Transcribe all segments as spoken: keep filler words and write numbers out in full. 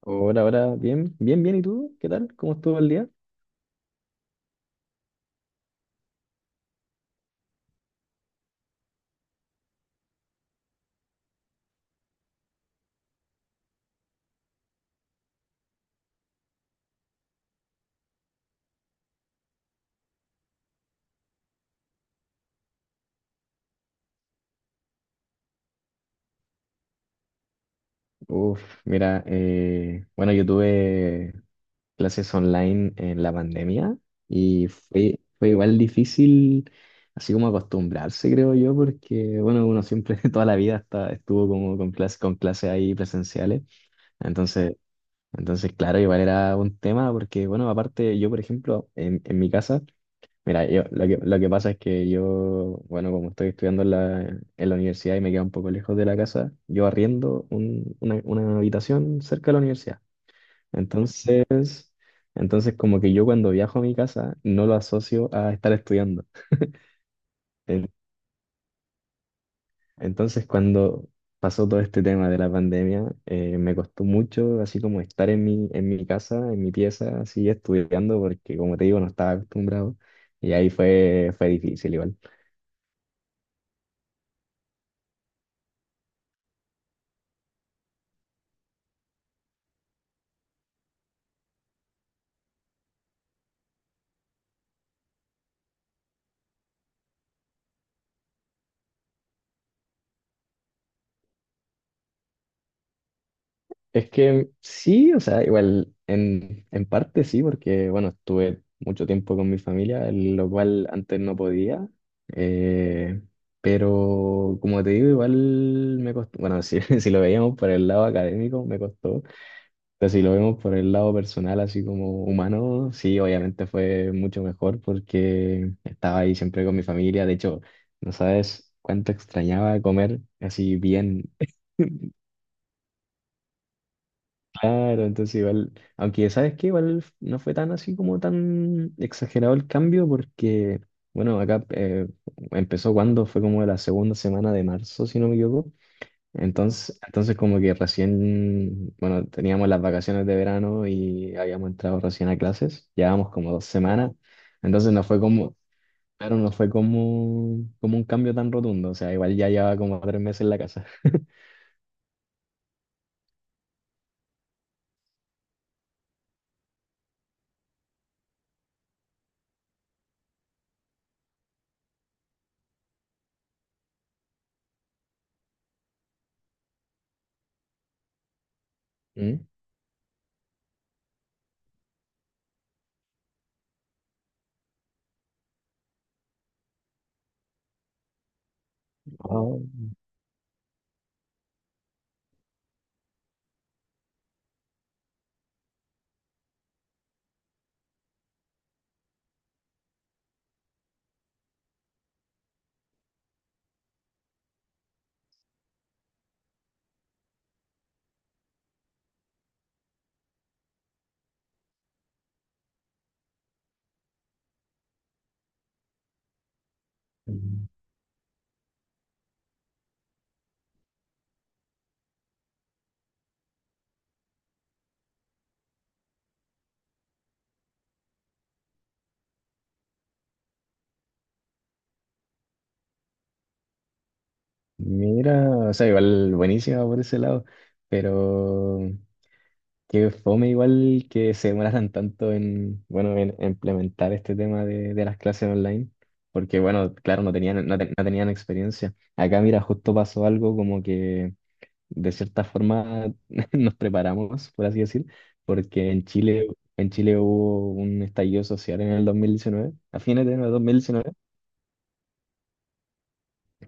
Hola, hola, bien, bien, bien. ¿Y tú? ¿Qué tal? ¿Cómo estuvo el día? Uf, mira, eh, bueno, yo tuve clases online en la pandemia y fue, fue igual difícil, así como acostumbrarse, creo yo, porque, bueno, uno siempre toda la vida hasta estuvo como con clases con clases ahí presenciales. Entonces, entonces, claro, igual era un tema porque, bueno, aparte yo, por ejemplo, en, en mi casa. Mira, yo, lo que, lo que pasa es que yo, bueno, como estoy estudiando en la, en la universidad y me queda un poco lejos de la casa, yo arriendo un- una, una habitación cerca de la universidad. Entonces, entonces como que yo cuando viajo a mi casa no lo asocio a estar estudiando. En- Entonces, cuando pasó todo este tema de la pandemia, eh, me costó mucho así como estar en mi, en mi casa, en mi pieza, así estudiando, porque como te digo, no estaba acostumbrado. Y ahí fue, fue difícil igual. Es que sí, o sea, igual en, en parte sí, porque bueno, estuve mucho tiempo con mi familia, lo cual antes no podía. Eh, pero como te digo, igual me costó, bueno, si, si lo veíamos por el lado académico, me costó, pero si lo vemos por el lado personal, así como humano, sí, obviamente fue mucho mejor porque estaba ahí siempre con mi familia. De hecho, no sabes cuánto extrañaba comer así bien. Claro, entonces igual, aunque sabes que igual no fue tan así como tan exagerado el cambio porque, bueno, acá eh, empezó cuando fue como la segunda semana de marzo, si no me equivoco. Entonces, entonces como que recién, bueno, teníamos las vacaciones de verano y habíamos entrado recién a clases, llevábamos como dos semanas, entonces no fue como, claro, no fue como, como un cambio tan rotundo, o sea, igual ya llevaba como tres meses en la casa. ¿Mm? Ah, mira, o sea, igual buenísima por ese lado, pero qué fome igual que se demoraran tanto en, bueno, en implementar este tema de, de las clases online, porque bueno, claro, no tenían, no, te- no tenían experiencia. Acá, mira, justo pasó algo como que de cierta forma nos preparamos, por así decir, porque en Chile, en Chile hubo un estallido social en el dos mil diecinueve, a fines de dos mil diecinueve.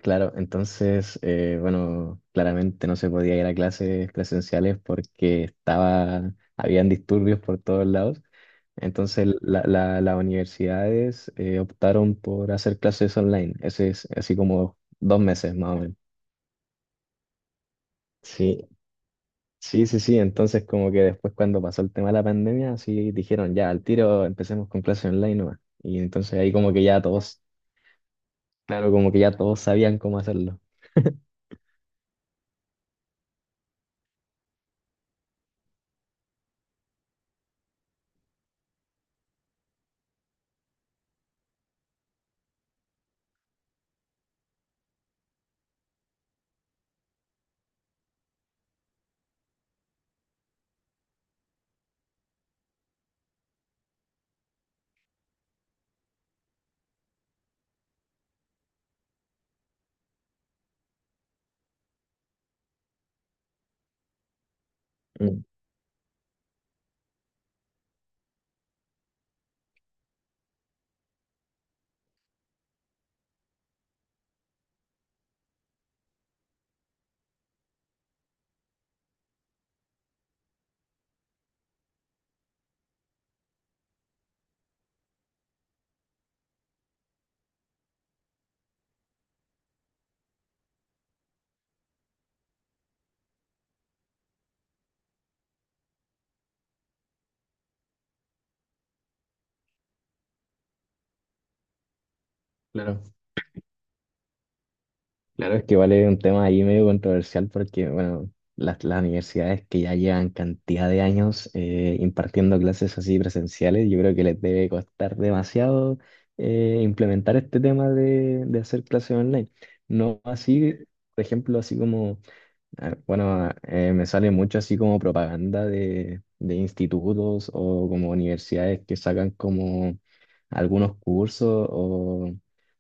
Claro, entonces, eh, bueno, claramente no se podía ir a clases presenciales porque estaba, habían disturbios por todos lados. Entonces, la- la- las universidades eh, optaron por hacer clases online. Ese es así como dos meses más o menos. Sí, sí, sí, sí. Entonces, como que después cuando pasó el tema de la pandemia, sí dijeron ya, al tiro empecemos con clases online nomás. Y entonces ahí como que ya todos, claro, como que ya todos sabían cómo hacerlo. Mm, claro. Claro, es que vale un tema ahí medio controversial porque, bueno, las, las universidades que ya llevan cantidad de años eh, impartiendo clases así presenciales, yo creo que les debe costar demasiado eh, implementar este tema de, de hacer clases online. No así, por ejemplo, así como. Ah, bueno, eh, me sale mucho así como propaganda de, de institutos o como universidades que sacan como algunos cursos o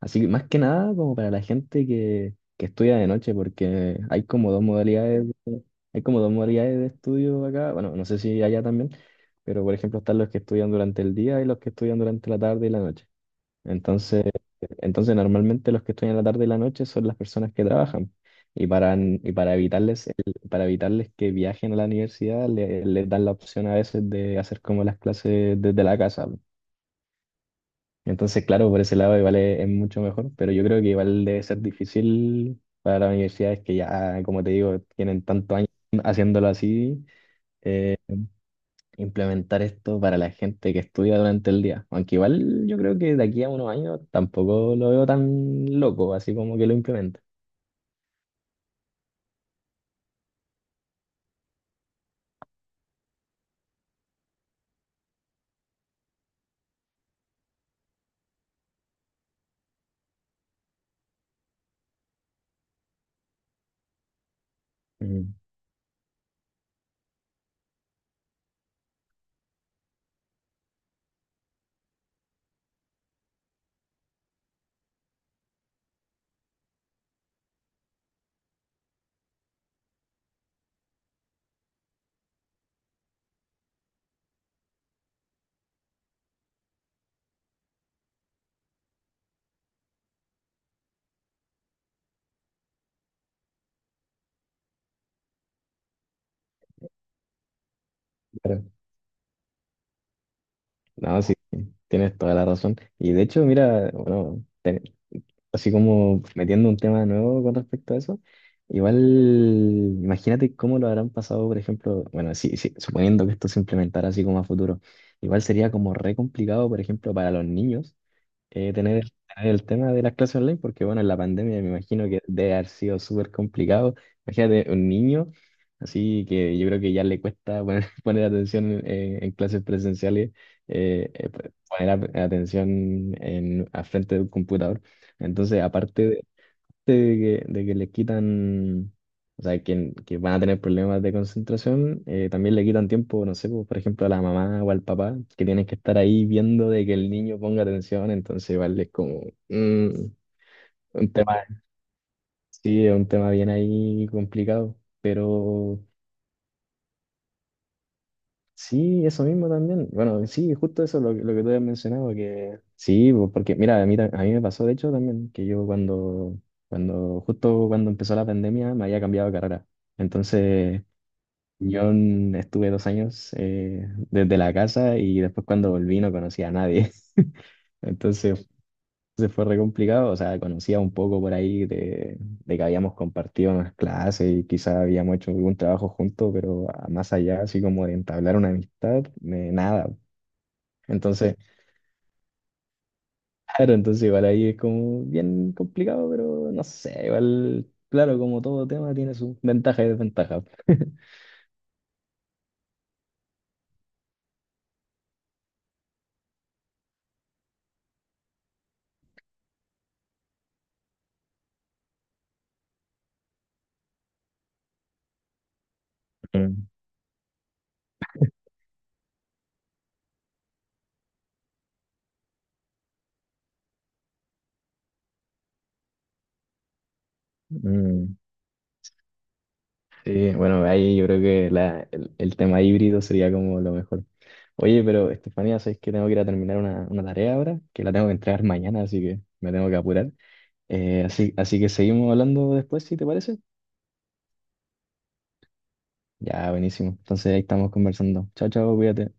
así, que más que nada como para la gente que, que estudia de noche, porque hay como dos modalidades, de- hay como dos modalidades de estudio acá. Bueno, no sé si allá también, pero por ejemplo están los que estudian durante el día y los que estudian durante la tarde y la noche. Entonces, entonces normalmente los que estudian la tarde y la noche son las personas que trabajan. Y para, y para evitarles, el- para evitarles que viajen a la universidad, le- les dan la opción a veces de hacer como las clases desde la casa. Entonces, claro, por ese lado igual es, es mucho mejor, pero yo creo que igual debe ser difícil para las universidades que ya, como te digo, tienen tantos años haciéndolo así. eh, implementar esto para la gente que estudia durante el día. Aunque igual yo creo que de aquí a unos años tampoco lo veo tan loco, así como que lo implemente. Mm, claro. No, sí, tienes toda la razón. Y de hecho, mira, bueno, así como metiendo un tema nuevo con respecto a eso, igual imagínate cómo lo habrán pasado, por ejemplo, bueno, sí, sí, suponiendo que esto se implementara así como a futuro, igual sería como re complicado, por ejemplo, para los niños eh, tener, el tener el tema de las clases online, porque bueno, en la pandemia me imagino que debe haber sido súper complicado. Imagínate un niño, así que yo creo que ya le cuesta poner, poner atención eh, en, clases presenciales, eh, eh, poner a- atención en, a frente de un computador. Entonces, aparte de que, de que le quitan, o sea, que, que van a tener problemas de concentración, eh, también le quitan tiempo, no sé, pues, por ejemplo, a la mamá o al papá, que tienen que estar ahí viendo de que el niño ponga atención, entonces igual es como mm, un tema, sí, es un tema bien ahí complicado, pero. Sí, eso mismo también. Bueno, sí, justo eso lo, que- lo que tú habías mencionado, que sí, po- porque mira, a mí, ta- a mí me pasó de hecho también que yo cuando, cuando, justo cuando empezó la pandemia me había cambiado de carrera. Entonces, yo en- estuve dos años eh, desde la casa y después cuando volví no conocía a nadie. Entonces se fue re complicado, o sea, conocía un poco por ahí de, de que habíamos compartido unas clases y quizás habíamos hecho algún trabajo juntos, pero a- más allá, así como de entablar una amistad, eh, nada. Entonces, claro, entonces igual ahí es como bien complicado, pero no sé, igual, claro, como todo tema tiene sus ventajas y desventajas. Mm, mm. Sí, bueno, ahí yo creo que la- el, el tema híbrido sería como lo mejor. Oye, pero Estefanía, sabes que tengo que ir a terminar una, una tarea ahora, que la tengo que entregar mañana, así que me tengo que apurar. Eh, así, así que seguimos hablando después, si te parece. Ya, buenísimo. Entonces ahí estamos conversando. Chao, chao, cuídate.